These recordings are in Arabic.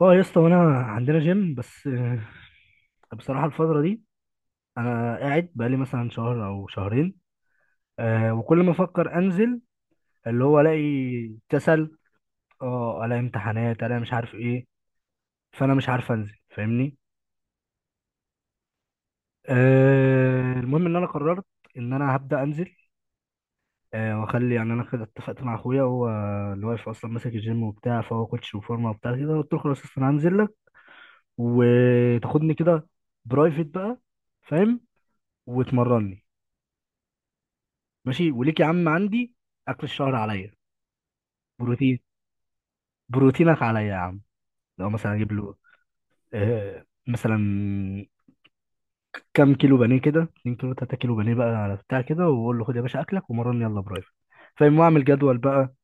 اه يا اسطى، وانا عندنا جيم بس بصراحه الفتره دي انا قاعد بقالي مثلا شهر او شهرين. وكل ما افكر انزل اللي هو الاقي كسل، اه الاقي امتحانات الاقي مش عارف ايه. فانا مش عارف انزل، فاهمني. المهم ان انا قررت ان انا هبدا انزل. واخلي يعني انا كده اتفقت مع اخويا، هو اللي واقف اصلا ماسك الجيم وبتاع، فهو كوتش وفورمه وبتاع كده. قلت له خلاص يا اسطى انا هنزل لك وتاخدني كده برايفت بقى، فاهم؟ وتمرني. ماشي وليك يا عم، عندي اكل الشهر عليا، بروتين، بروتينك عليا يا عم. لو مثلا اجيب له مثلا كام كيلو بانيه، كده 2 كيلو 3 كيلو بانيه بقى على بتاع كده، واقول له خد يا باشا اكلك ومرن يلا برايفت، فاهم. واعمل جدول بقى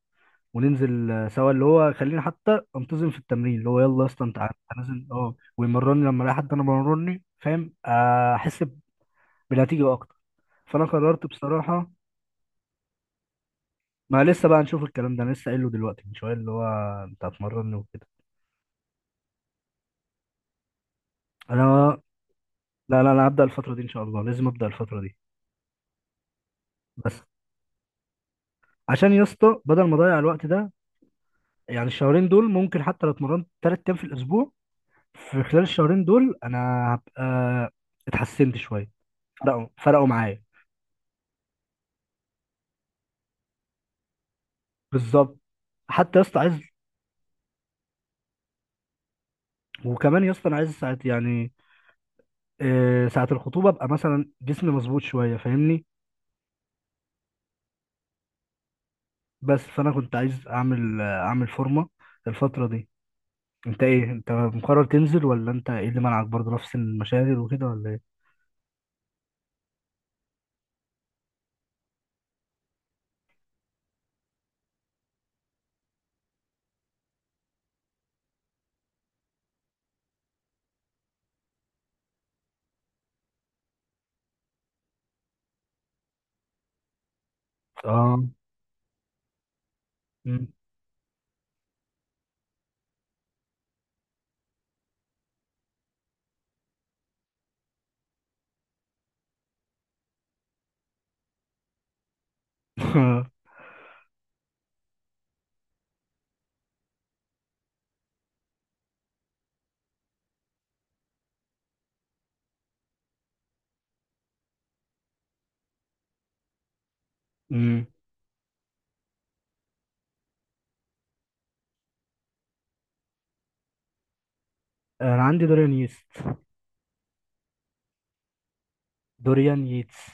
وننزل سوا، اللي هو خليني حتى انتظم في التمرين. اللي هو يلا يا اسطى انت عارف هنزل اه ويمرني، لما الاقي حد انا مرني، فاهم، احس بنتيجه اكتر. فانا قررت بصراحه. ما لسه بقى نشوف الكلام ده، انا لسه قايله دلوقتي من شويه، اللي هو انت هتمرني وكده. انا لا لا انا هبدا الفتره دي ان شاء الله، لازم ابدا الفتره دي. بس عشان يا اسطى بدل ما اضيع الوقت ده، يعني الشهرين دول ممكن حتى لو اتمرنت 3 ايام في الاسبوع في خلال الشهرين دول انا هبقى اتحسنت شويه. فرقوا معايا بالظبط. حتى يا اسطى عايز، وكمان يا اسطى انا عايز ساعه يعني ساعه الخطوبه ابقى مثلا جسمي مظبوط شويه، فاهمني. بس فانا كنت عايز اعمل اعمل فورمه الفتره دي. انت ايه، انت مقرر تنزل ولا انت ايه اللي منعك برضه نفس المشاغل وكده ولا ايه؟ اه. مم. مم. انا عندي دوريان ييست. دوريان ييتس،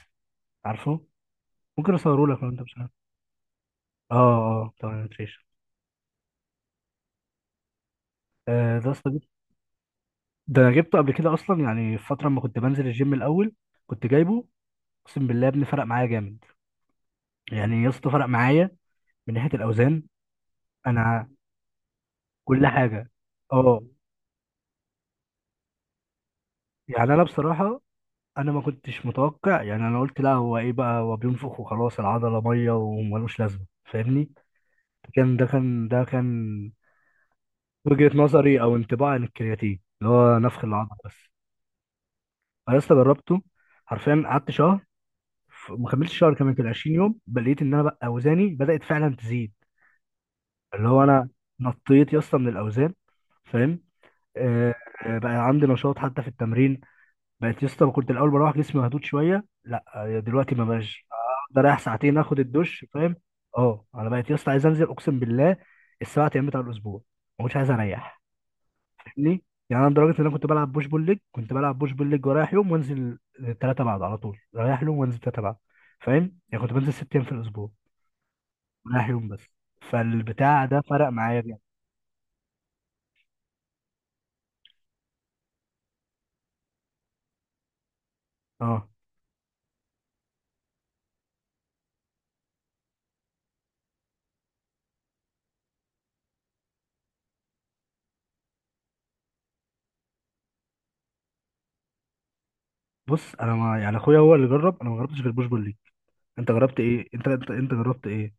عارفه؟ ممكن اصوره لك لو انت مش عارف. اه. اه طبعا نوتريشن. آه ده صديق، ده انا جبته قبل كده اصلا، يعني في فتره ما كنت بنزل الجيم الاول كنت جايبه. اقسم بالله يا ابني فرق معايا جامد. يعني يا اسطى فرق معايا من ناحيه الاوزان. انا كل حاجه. اه. يعني انا بصراحه، انا ما كنتش متوقع. يعني انا قلت لا هو ايه بقى، هو بينفخ وخلاص العضله ميه وملوش لازمه، فاهمني. كان وجهة نظري او انطباع عن الكرياتين، اللي هو نفخ العضل بس. انا لسه جربته حرفيا، قعدت شهر. ما كملتش شهر، كمان كان 20 يوم، بل لقيت ان انا بقى اوزاني بدأت فعلا تزيد. اللي هو انا نطيت يا اسطى من الاوزان فاهم. آه. بقى عندي نشاط حتى في التمرين. بقيت يا اسطى، كنت الاول بروح جسمي مهدود شويه، لا دلوقتي ما بقاش. اقدر اريح ساعتين، اخد الدش، فاهم. اه انا بقيت يا اسطى عايز انزل اقسم بالله ال7 ايام بتاع الاسبوع، ما كنتش عايز اريح. ليه؟ يعني انا لدرجه ان انا كنت بلعب بوش بول ليج، كنت بلعب بوش بول ليج ورايح يوم وانزل ثلاثه بعد، على طول رايح يوم وانزل ثلاثه بعد، فاهم؟ يعني كنت بنزل 6 ايام في الاسبوع رايح يوم بس. فالبتاع ده فرق معايا جامد. اه بص انا ما يعني، اخويا هو اللي جرب، انا ما جربتش غير بوش بول ليج. انت جربت ايه؟ انت جربت ايه؟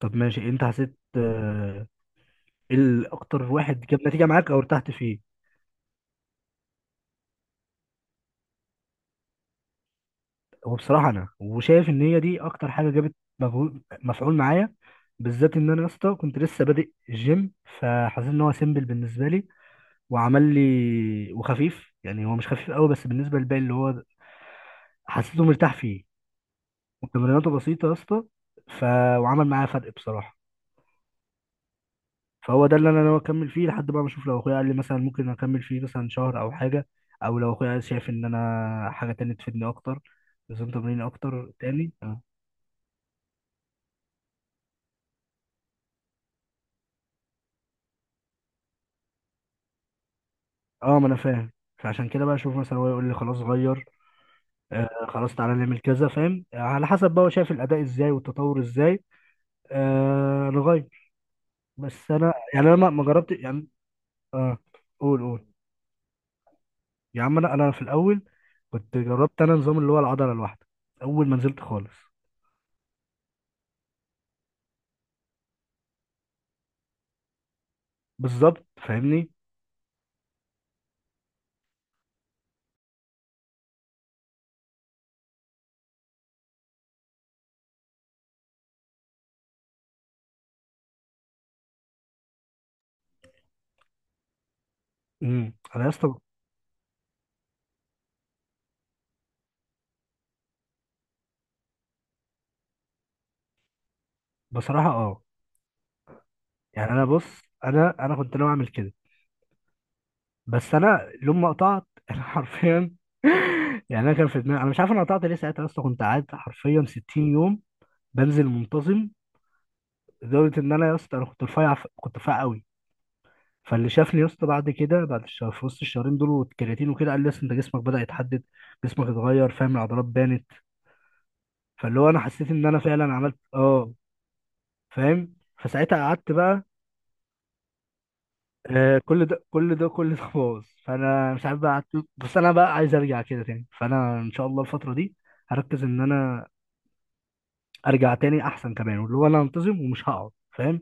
طب ماشي. انت حسيت ايه الاكتر واحد جاب نتيجه معاك او ارتحت فيه؟ هو بصراحة أنا وشايف إن هي دي أكتر حاجة جابت مجهود مفعول معايا، بالذات إن أنا يا اسطى كنت لسه بادئ الجيم. فحسيت إن هو سيمبل بالنسبة لي وعمل لي وخفيف، يعني هو مش خفيف قوي بس بالنسبة للباقي، اللي هو حسيته مرتاح فيه وتمريناته بسيطة يا اسطى. ف... وعمل معايا فرق بصراحة. فهو ده اللي أنا ناوي أكمل فيه لحد بقى ما أشوف، لو أخويا قال لي مثلا ممكن أكمل فيه مثلا شهر أو حاجة، أو لو أخويا شايف إن أنا حاجة تانية تفيدني أكتر، نظام تمرين أكتر تاني. اه، ما انا فاهم. فعشان كده بقى اشوف مثلا هو يقول لي خلاص غير، خلاص تعالى نعمل كذا فاهم على حسب بقى هو شايف الاداء ازاي والتطور ازاي، نغير. بس انا يعني انا ما جربت يعني. اه قول قول يا عم. انا في الاول كنت جربت انا نظام اللي هو العضله الواحده، اول ما نزلت خالص. بالظبط فاهمني. امم. انا يا اسطى بصراحه اه، يعني انا بص انا كنت ناوي اعمل كده. بس انا لما ما قطعت انا حرفيا يعني انا كان في دماغي، انا مش عارف انا قطعت ليه، ساعتها يا اسطى كنت قاعد حرفيا 60 يوم بنزل منتظم لدرجه ان انا يا اسطى انا كنت رفيع، كنت رفيع قوي. فاللي شافني يا اسطى بعد كده، بعد الشهر في وسط الشهرين دول والكرياتين وكده، قال لي اصل انت جسمك بدأ يتحدد، جسمك اتغير فاهم، العضلات بانت. فاللي هو انا حسيت ان انا فعلا عملت اه فاهم، فساعتها قعدت بقى. كل ده كل ده كل ده باظ. فانا مش عارف بقى قعدت بس انا بقى عايز ارجع كده تاني، فانا ان شاء الله الفتره دي هركز ان انا ارجع تاني احسن كمان، واللي هو انا انتظم ومش هقعد فاهم.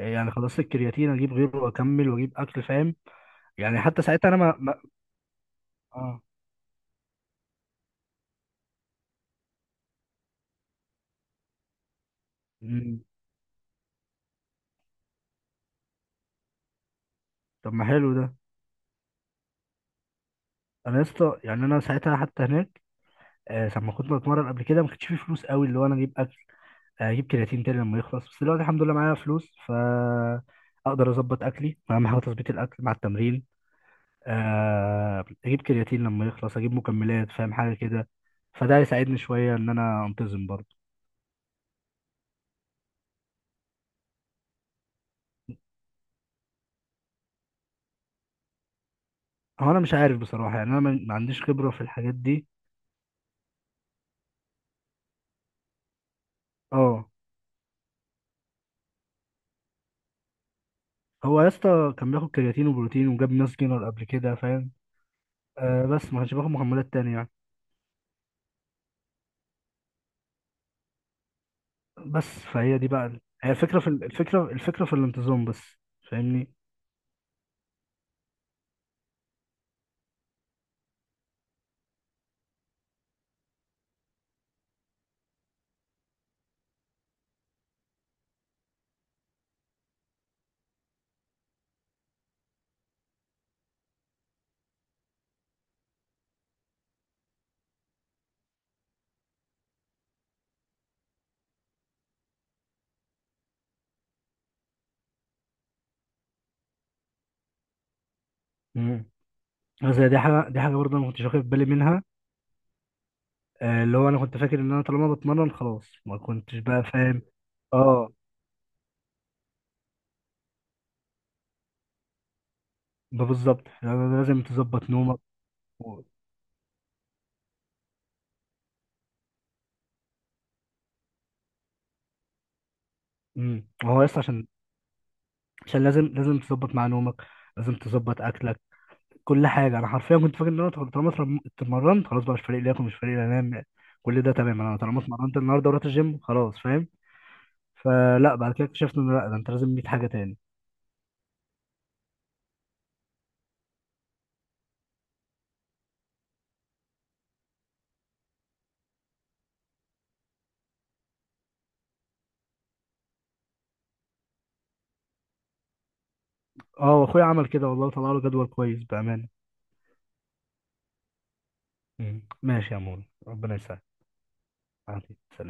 يعني خلاص الكرياتين اجيب غيره واكمل واجيب اكل فاهم. يعني حتى ساعتها انا ما, ما... اه. مم. طب ما حلو ده. انا يا اسطى يعني انا ساعتها حتى هناك لما كنت بتمرن قبل كده ما كانش فيه فلوس قوي، اللي هو انا اجيب اكل اجيب كرياتين تاني لما يخلص. بس دلوقتي الحمد لله معايا فلوس، ف اقدر اظبط اكلي، اهم حاجه تظبيط الاكل مع التمرين. اجيب كرياتين لما يخلص، اجيب مكملات فاهم، حاجه كده. فده هيساعدني شويه ان انا انتظم برضه. هو انا مش عارف بصراحه، يعني انا ما عنديش خبره في الحاجات دي. اه. هو يا اسطى كان بياخد كرياتين وبروتين وجاب ناس جينر قبل كده فاهم. آه بس ما كانش بياخد مكملات تانية يعني. بس فهي دي بقى هي الفكره في الفكره، الفكره في الانتظام بس. فاهمني. مم. بس دي حاجة، دي حاجة برضه أنا ما كنتش واخد بالي منها. اللي هو أنا كنت فاكر إن أنا طالما بتمرن خلاص، ما كنتش بقى فاهم. اه ده بالظبط، يعني لازم تظبط نومك و... مم. هو يس عشان، عشان لازم لازم تظبط مع نومك، لازم تظبط أكلك، كل حاجة. أنا حرفيا كنت فاكر إن أنا طالما اتمرنت خلاص بقى، مش فارق لي آكل مش فارق لي أنام، كل ده تمام، أنا طالما اتمرنت النهاردة ورحت الجيم خلاص فاهم. فلا بعد كده اكتشفت إن لا، ده أنت لازم 100 حاجة تاني. اه وأخويا عمل كده والله، طلع له جدول كويس بأمانة. مم. ماشي يا مول ربنا يسعدك. عليكم السلام.